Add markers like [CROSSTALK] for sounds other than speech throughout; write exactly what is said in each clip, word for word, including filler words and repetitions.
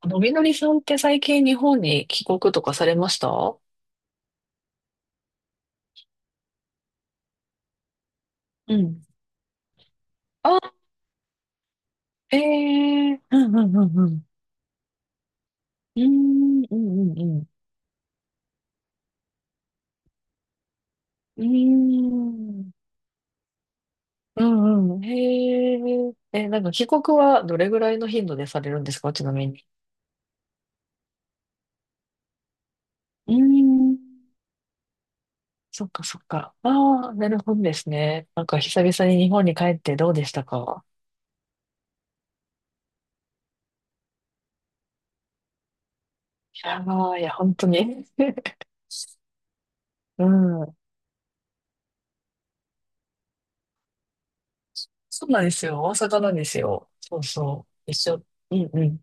あの、みのりさんって最近日本に帰国とかされました？うん。ええ、うん、うん、うん、うん。うーん、うん、うん、うん。ううん、うん、ん。へえ、え、なんか帰国はどれぐらいの頻度でされるんですか、ちなみに。うーん。そっかそっか。ああ、なるほどですね。なんか久々に日本に帰ってどうでしたか？いやー、いや、本当に。[LAUGHS] うん。そうなんですよ。大阪なんですよ。そうそう。一緒。うんうん。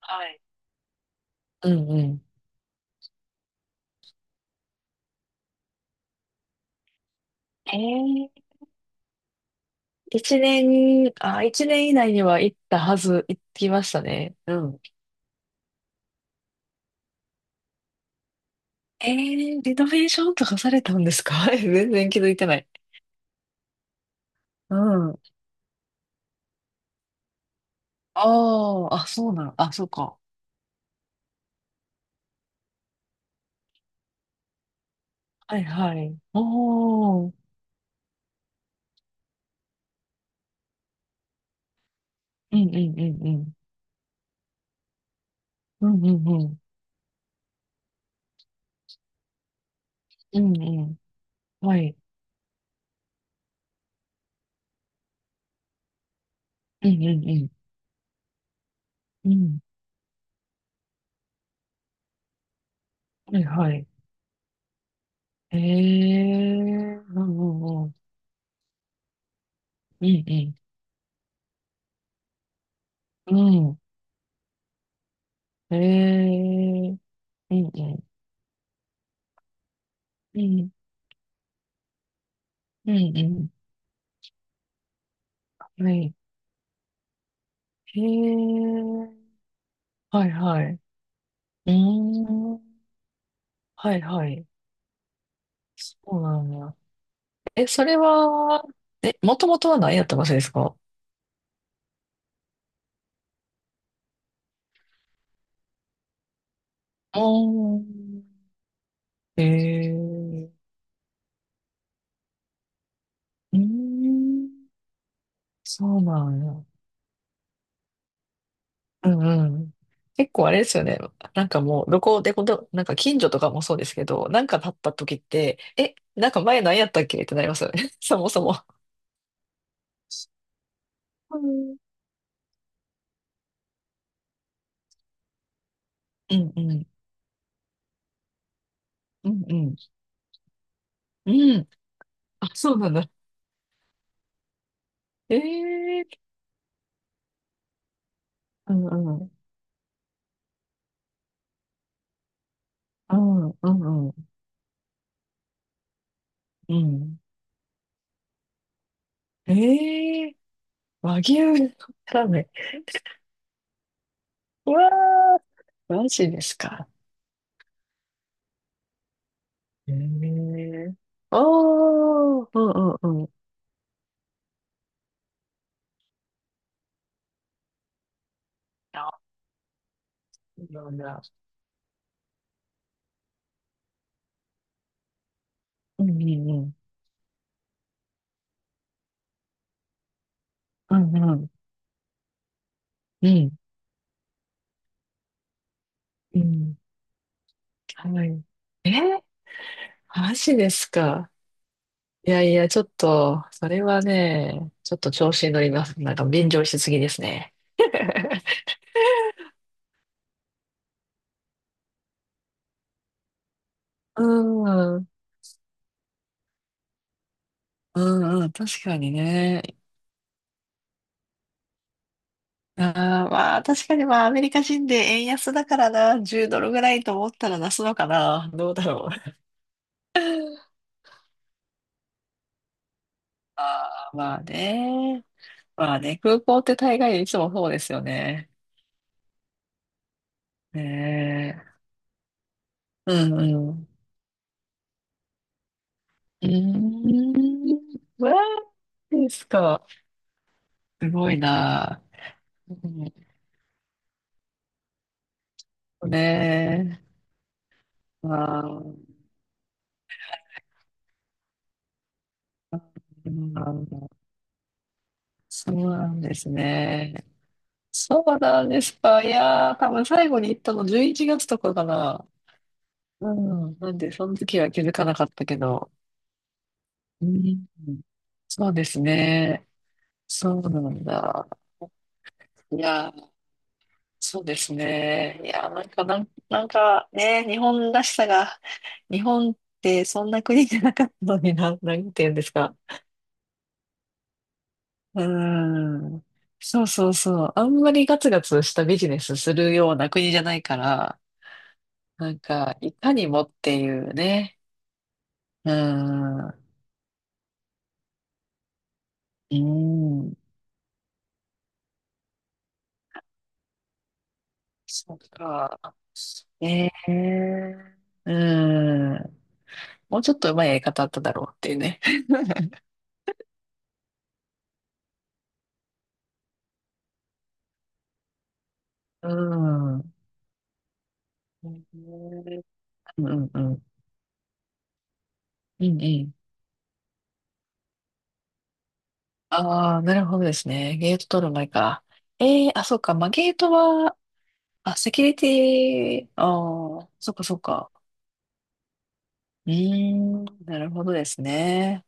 はい。うんうん。へえ、一年、あ、一年以内には行ったはず、行きましたね。うん。えー、リノベーションとかされたんですか？ [LAUGHS] 全然気づいてない。うん。ああ、あ、そうなの。あ、そうか。はいはい。おー。うん、うん、うん、うん。うん、うん、うん。うんうん。はい。うん、うん、うん。うん。はいはい。ええー。うん、うん、うん。うんうん。うん。ええー。うんうん。うん、うん、うん。はい。へえ、はいはい。うーん、はいはい。そうなんだ。え、それは、え、もともとは何やった場所ですか？あー、へえ、うーん、そうなんや。うんうん。結構あれですよね。なんかもう、どこでこと、なんか近所とかもそうですけど、なんか立った時って、え、なんか前何やったっけってなりますよね。[LAUGHS] そもそも。うんうん。うんうん。うん。あ、そうなんだ。ええ、うんうん。うん、うん、うん、うん。ええ、和牛のラーメン。うわー、マジですか。ええ、おー、うん、うん、うん。あ、そうなんだ。うん、うん、うん。うんうん。うん。うん。はい。え、マジですか。いやいや、ちょっと、それはね、ちょっと調子に乗ります。なんか便乗しすぎですね。[LAUGHS] うん。うんうん。確かにね。ああ、まあ、確かにまあ、アメリカ人で円安だからな、じゅうドルドルぐらいと思ったら出すのかな。どうだろう。[LAUGHS] まあね。まあね、空港って大概いつもそうですよね。ねえ。うんうん。うーん。わーですか。すごいな。うん、ねえ。まあ、うん。そうなんですね。そうなんですか。いやー、多分最後に行ったのじゅういちがつとかかな。うん。なんで、その時は気づかなかったけど。うん。そうですね。そうなんだ。いや、そうですね。いや、なんか、なん、なんかね、日本らしさが、日本ってそんな国じゃなかったのにな、[LAUGHS] なんて言うんですか。うーん。そうそうそう。あんまりガツガツしたビジネスするような国じゃないから、なんか、いかにもっていうね。うーん。うーん。そっか。ええ、うん。もうちょっと上手いやり方あっただろうっていうね。うん。うん、うん、うん。うんうん。ああ、なるほどですね。ゲート取る前か。ええ、あ、そうか。まあ、ゲートは、あ、セキュリティ、あ、あ、そっかそっか。うーん、なるほどですね。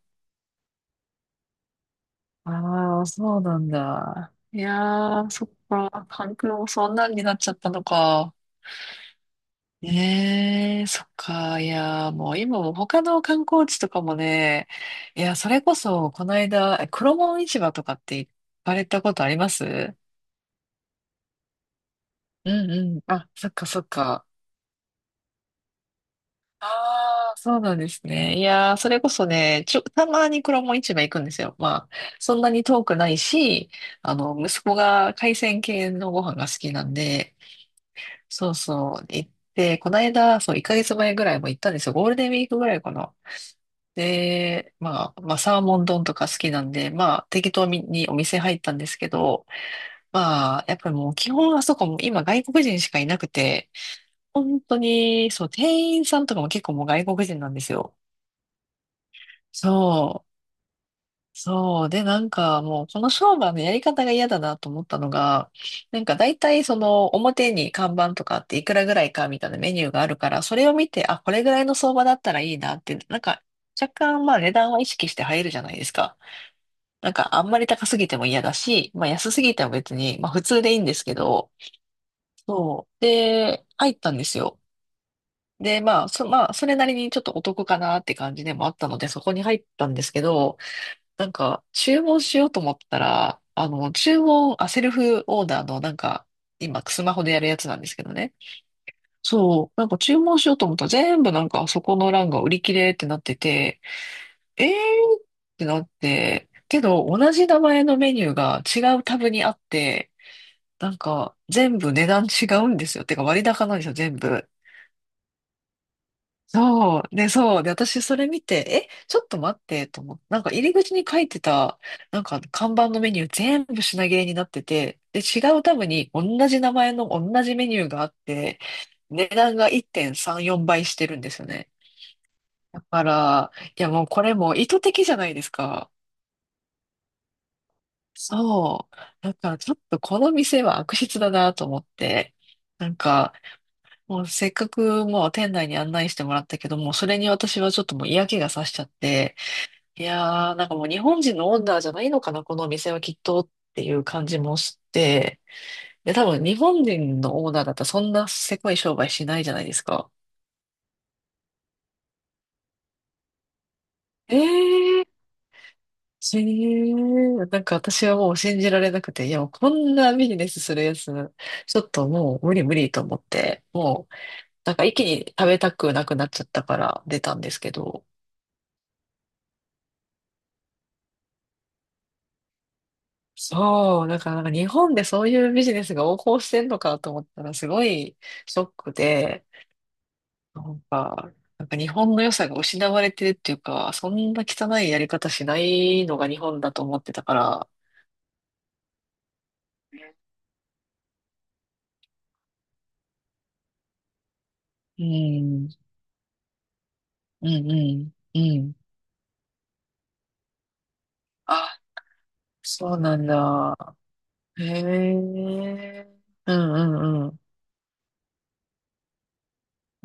ああ、そうなんだ。いやー、そっか。関空もそんなんになっちゃったのか。ねえ、そっか。いやー、もう今も他の観光地とかもね、いや、それこそ、この間、え、黒門市場とかって行かれたことあります？うんうん。あ、そっかそっか。ああ、そうなんですね。いやー、それこそね、ちょ、たまに黒門市場行くんですよ。まあ、そんなに遠くないし、あの、息子が海鮮系のご飯が好きなんで、そうそう、行って、この間、そう、いっかげつまえぐらいも行ったんですよ。ゴールデンウィークぐらいかな。で、まあ、まあ、サーモン丼とか好きなんで、まあ、適当にお店入ったんですけど、まあ、やっぱりもう基本あそこも今外国人しかいなくて、本当に、そう、店員さんとかも結構もう外国人なんですよ。そう、そう。で、なんかもうこの商売のやり方が嫌だなと思ったのが、なんか大体その表に看板とかあって、いくらぐらいかみたいなメニューがあるから、それを見て、あ、これぐらいの相場だったらいいなって、なんか若干まあ値段は意識して入るじゃないですか。なんかあんまり高すぎても嫌だし、まあ安すぎても別に、まあ普通でいいんですけど、そう。で、入ったんですよ。で、まあ、そ、まあ、それなりにちょっとお得かなって感じでもあったので、そこに入ったんですけど、なんか、注文しようと思ったら、あの、注文、あ、セルフオーダーの、なんか、今、スマホでやるやつなんですけどね。そう、なんか注文しようと思ったら、全部なんか、そこの欄が売り切れってなってて、えーってなって、けど同じ名前のメニューが違うタブにあって、なんか全部値段違うんですよ。てか割高なんですよ、全部。そう。で、そう。で、私それ見て、え、ちょっと待ってと思って、なんか入り口に書いてた、なんか看板のメニュー全部品切れになってて、で、違うタブに同じ名前の同じメニューがあって、値段がいってんさんよんばいしてるんですよね。だから、いやもうこれも意図的じゃないですか。そう。だからちょっとこの店は悪質だなと思って、なんか、もうせっかくもう店内に案内してもらったけども、それに私はちょっともう嫌気がさしちゃって、いやー、なんかもう日本人のオーナーじゃないのかな、このお店はきっとっていう感じもして、で、多分日本人のオーナーだったらそんなせこい商売しないじゃないですか。ええー。えー、なんか私はもう信じられなくて、いやもうこんなビジネスするやつ、ちょっともう無理無理と思って、もうなんか一気に食べたくなくなっちゃったから出たんですけど。そう、だからなんか日本でそういうビジネスが横行してんのかと思ったらすごいショックで、なんか、なんか日本の良さが失われてるっていうか、そんな汚いやり方しないのが日本だと思ってたから、うん、うん、うん、うん。あ、そうなんだ。へえ。うん、うん、うん。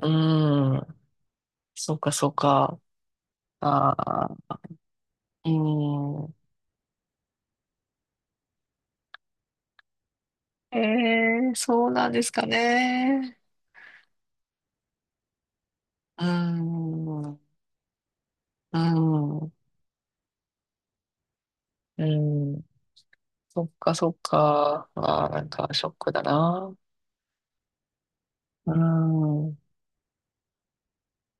うん。そうか、そうか。ああ、うん。ええ、そうなんですかね。うーん、うーん、うん。そっかそっか。ああ、なんかショックだな。うーん。